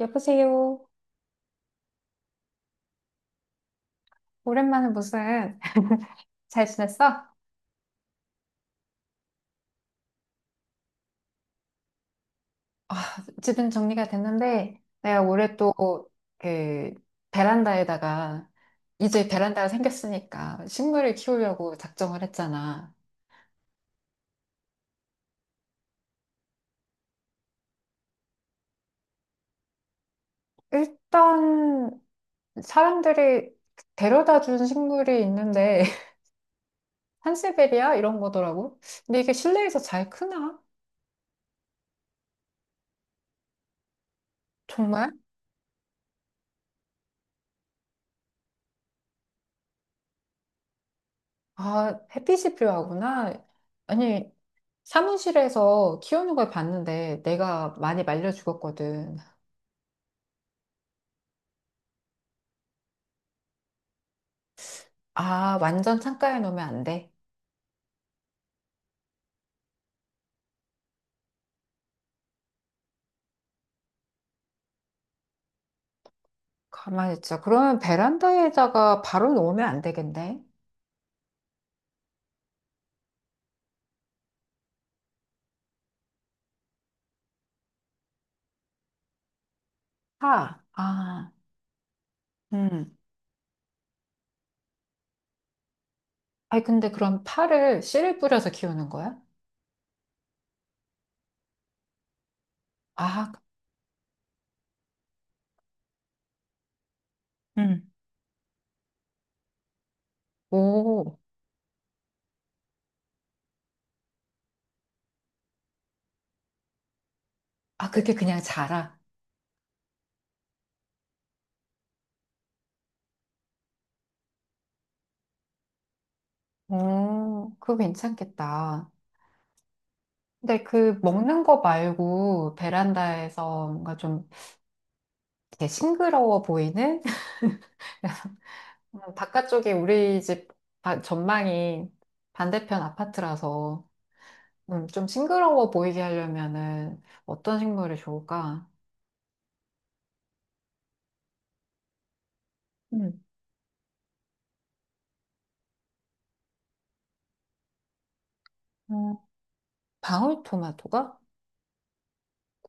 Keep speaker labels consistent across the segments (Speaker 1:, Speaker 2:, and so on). Speaker 1: 여보세요. 오랜만에 무슨 잘 지냈어? 아, 집은 정리가 됐는데 내가 올해 또 그 베란다에다가 이제 베란다가 생겼으니까 식물을 키우려고 작정을 했잖아. 일단 사람들이 데려다 준 식물이 있는데 산세베리아 이런 거더라고. 근데 이게 실내에서 잘 크나? 정말? 아, 햇빛이 필요하구나. 아니 사무실에서 키우는 걸 봤는데 내가 많이 말려 죽었거든. 아, 완전 창가에 놓으면 안 돼. 가만히 있자. 그러면 베란다에다가 바로 놓으면 안 되겠네. 파. 아, 음. 아니, 근데 그럼 파를 씨를 뿌려서 키우는 거야? 아, 음. 오. 아, 그게 그냥 자라. 오, 그거 괜찮겠다. 근데 그 먹는 거 말고 베란다에서 뭔가 좀 이렇게 싱그러워 보이는 바깥쪽이 우리 집 전망이 반대편 아파트라서 좀 싱그러워 보이게 하려면은 어떤 식물이 좋을까? 음, 어, 방울토마토가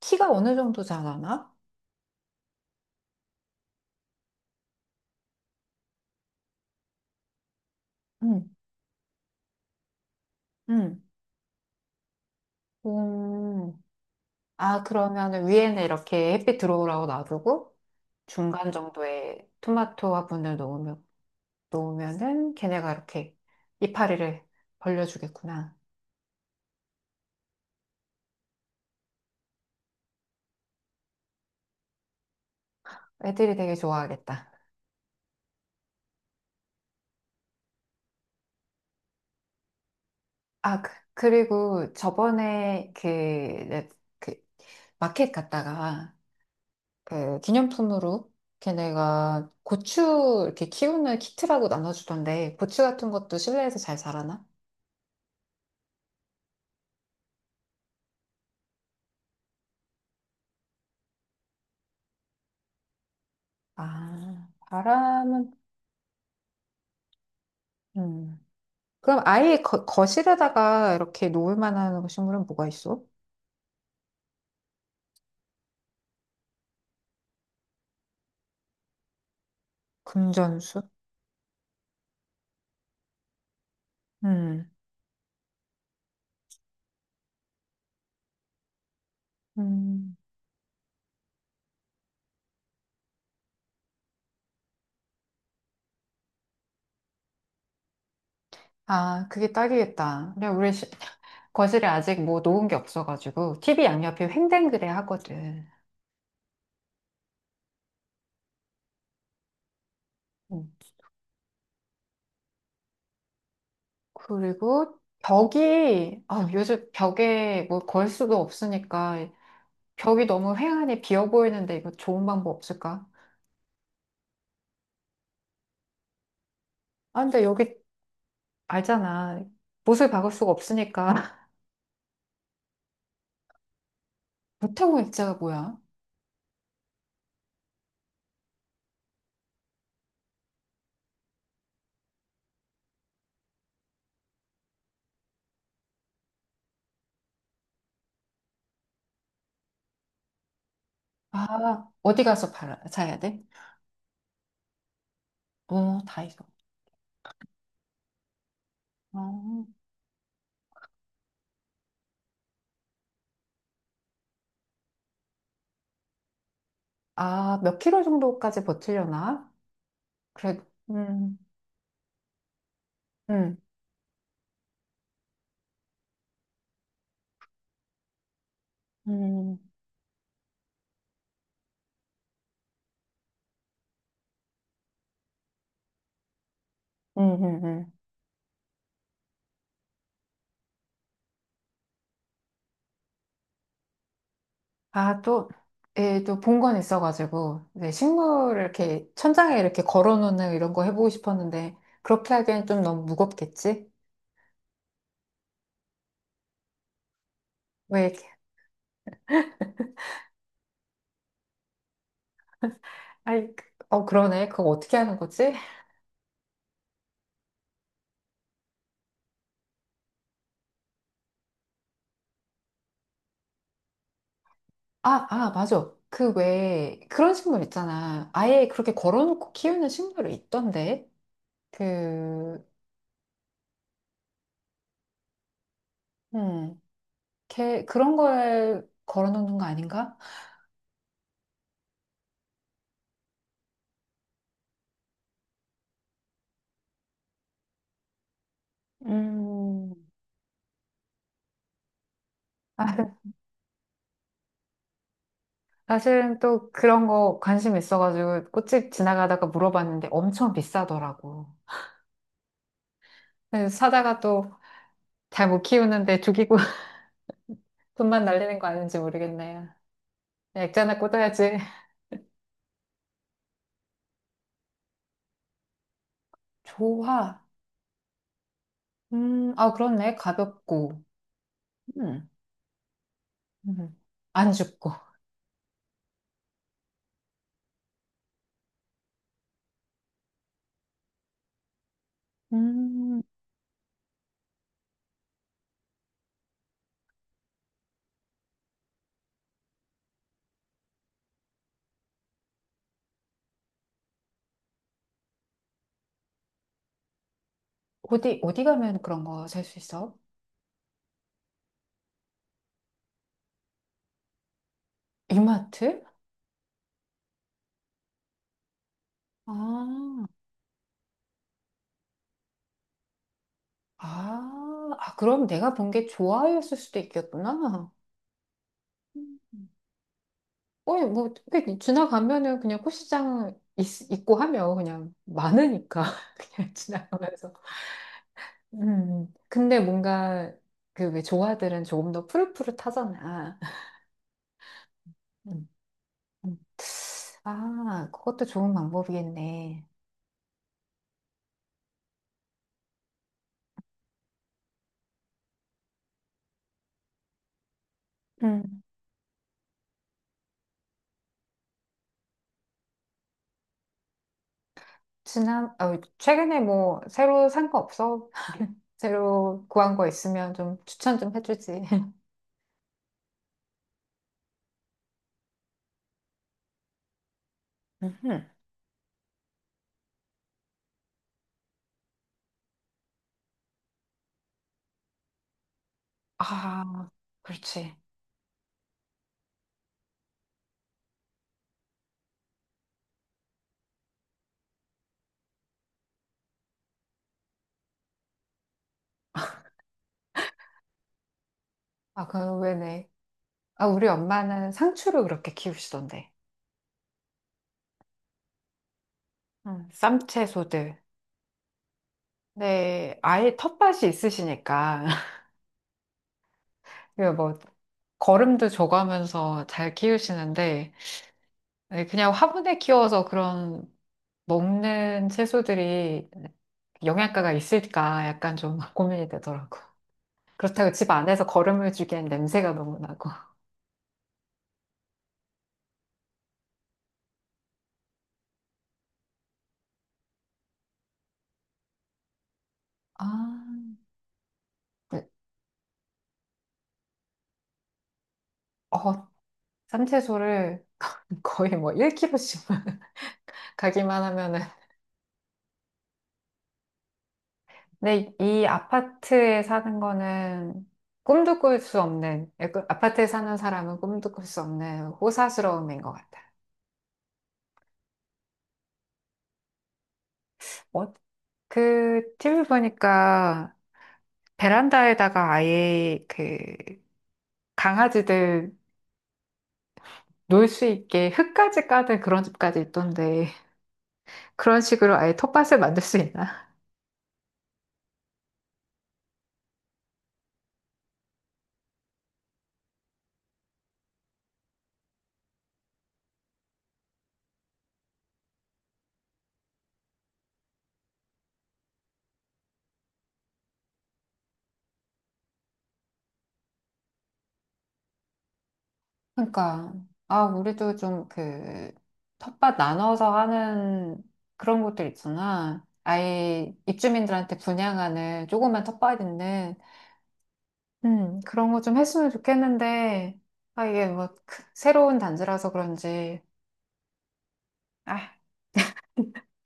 Speaker 1: 키가 어느 정도 자라나? 음, 음, 음. 아, 그러면은 위에는 이렇게 햇빛 들어오라고 놔두고 중간 정도에 토마토 화분을 놓으면, 놓으면은 걔네가 이렇게 이파리를 벌려주겠구나. 애들이 되게 좋아하겠다. 아, 그리고 저번에 그, 그 마켓 갔다가 그 기념품으로 걔네가 고추 이렇게 키우는 키트라고 나눠주던데 고추 같은 것도 실내에서 잘 자라나? 아, 바람은 음. 그럼 아예 거실에다가 이렇게 놓을 만한 식물은 뭐가 있어? 금전수? 음. 음. 아, 그게 딱이겠다. 거실에 아직 뭐 놓은 게 없어가지고 TV 양옆에 횡댕그레 하거든. 음. 그리고 벽이, 아, 요즘 벽에 뭐 걸 수도 없으니까 벽이 너무 회한이 비어 보이는데 이거 좋은 방법 없을까? 아, 근데 여기 알잖아. 못을 박을 수가 없으니까. 보태고 액자가 뭐야? 아, 어디 가서 팔아, 사야 돼? 어, 다이소. 어. 아, 몇 킬로 정도까지 버티려나? 그래, 음, 음, 음, 음, 음, 음. 아, 또, 예, 또 본 건 있어가지고, 네, 식물을 이렇게 천장에 이렇게 걸어놓는 이런 거 해보고 싶었는데, 그렇게 하기엔 좀 너무 무겁겠지? 왜 이렇게, 아이, 어, 그러네. 그거 어떻게 하는 거지? 아, 아, 맞아. 그 왜, 그런 식물 있잖아. 아예 그렇게 걸어놓고 키우는 식물이 있던데? 그, 음, 걔, 그런 걸 걸어놓는 거 아닌가? 음, 사실은 또 그런 거 관심 있어가지고 꽃집 지나가다가 물어봤는데 엄청 비싸더라고. 그래서 사다가 또 잘 못 키우는데 죽이고 돈만 날리는 거 아닌지 모르겠네요. 액자나 꽂아야지. 좋아. 아, 그렇네. 가볍고. 음, 음. 안 죽고. 음, 어디, 어디 가면 그런 거 살 수 있어? 이마트? 아, 아, 아, 그럼 내가 본 게 좋아요였을 수도 있겠구나. 음. 어, 뭐, 그게 지나가면은 그냥 꽃시장 있고 하면 그냥 많으니까. 그냥 지나가면서. 음. 음. 근데 뭔가 그 왜 조화들은 조금 더 푸릇푸릇하잖아. 음. 음. 아, 그것도 좋은 방법이겠네. 음. 지난, 어, 최근에 뭐, 새로 산 거 없어? 새로 구한 거 있으면 좀 추천 좀 해주지. 음흠. 아, 그렇지. 아, 그, 왜네. 아, 우리 엄마는 상추를 그렇게 키우시던데. 쌈채소들. 네, 아예 텃밭이 있으시니까. 그뭐 거름도 줘가면서 잘 키우시는데 네, 그냥 화분에 키워서 그런 먹는 채소들이 영양가가 있을까 약간 좀 고민이 되더라고. 그렇다고 집 안에서 거름을 주기엔 냄새가 너무 나고. 아, 네. 어, 쌈채소를 거의 뭐 1kg씩만 가기만 하면은 근데 이 아파트에 사는 거는 꿈도 꿀 수 없는, 약간 아파트에 사는 사람은 꿈도 꿀 수 없는 호사스러움인 것 같아요. 어, 그 TV 보니까 베란다에다가 아예 그 강아지들 놀 수 있게 흙까지 까는 그런 집까지 있던데 그런 식으로 아예 텃밭을 만들 수 있나? 그러니까 아 우리도 좀 그 텃밭 나눠서 하는 그런 곳들 있잖아. 아예 입주민들한테 분양하는 조그만 텃밭 있는 그런 거 좀 했으면 좋겠는데 아 이게 뭐 새로운 단지라서 그런지 아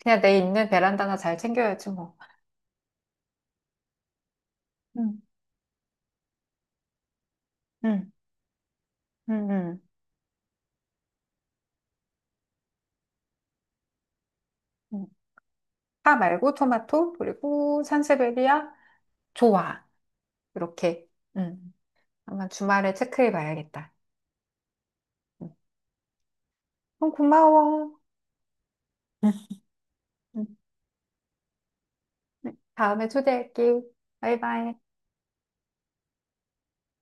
Speaker 1: 그냥 내 있는 베란다나 잘 챙겨야지 뭐. 음, 음, 음, 음. 음. 파 말고 토마토 그리고 산세베리아 좋아 이렇게 음 한번 주말에 체크해 봐야겠다. 음, 어, 고마워. 음, 다음에 초대할게. 바이바이.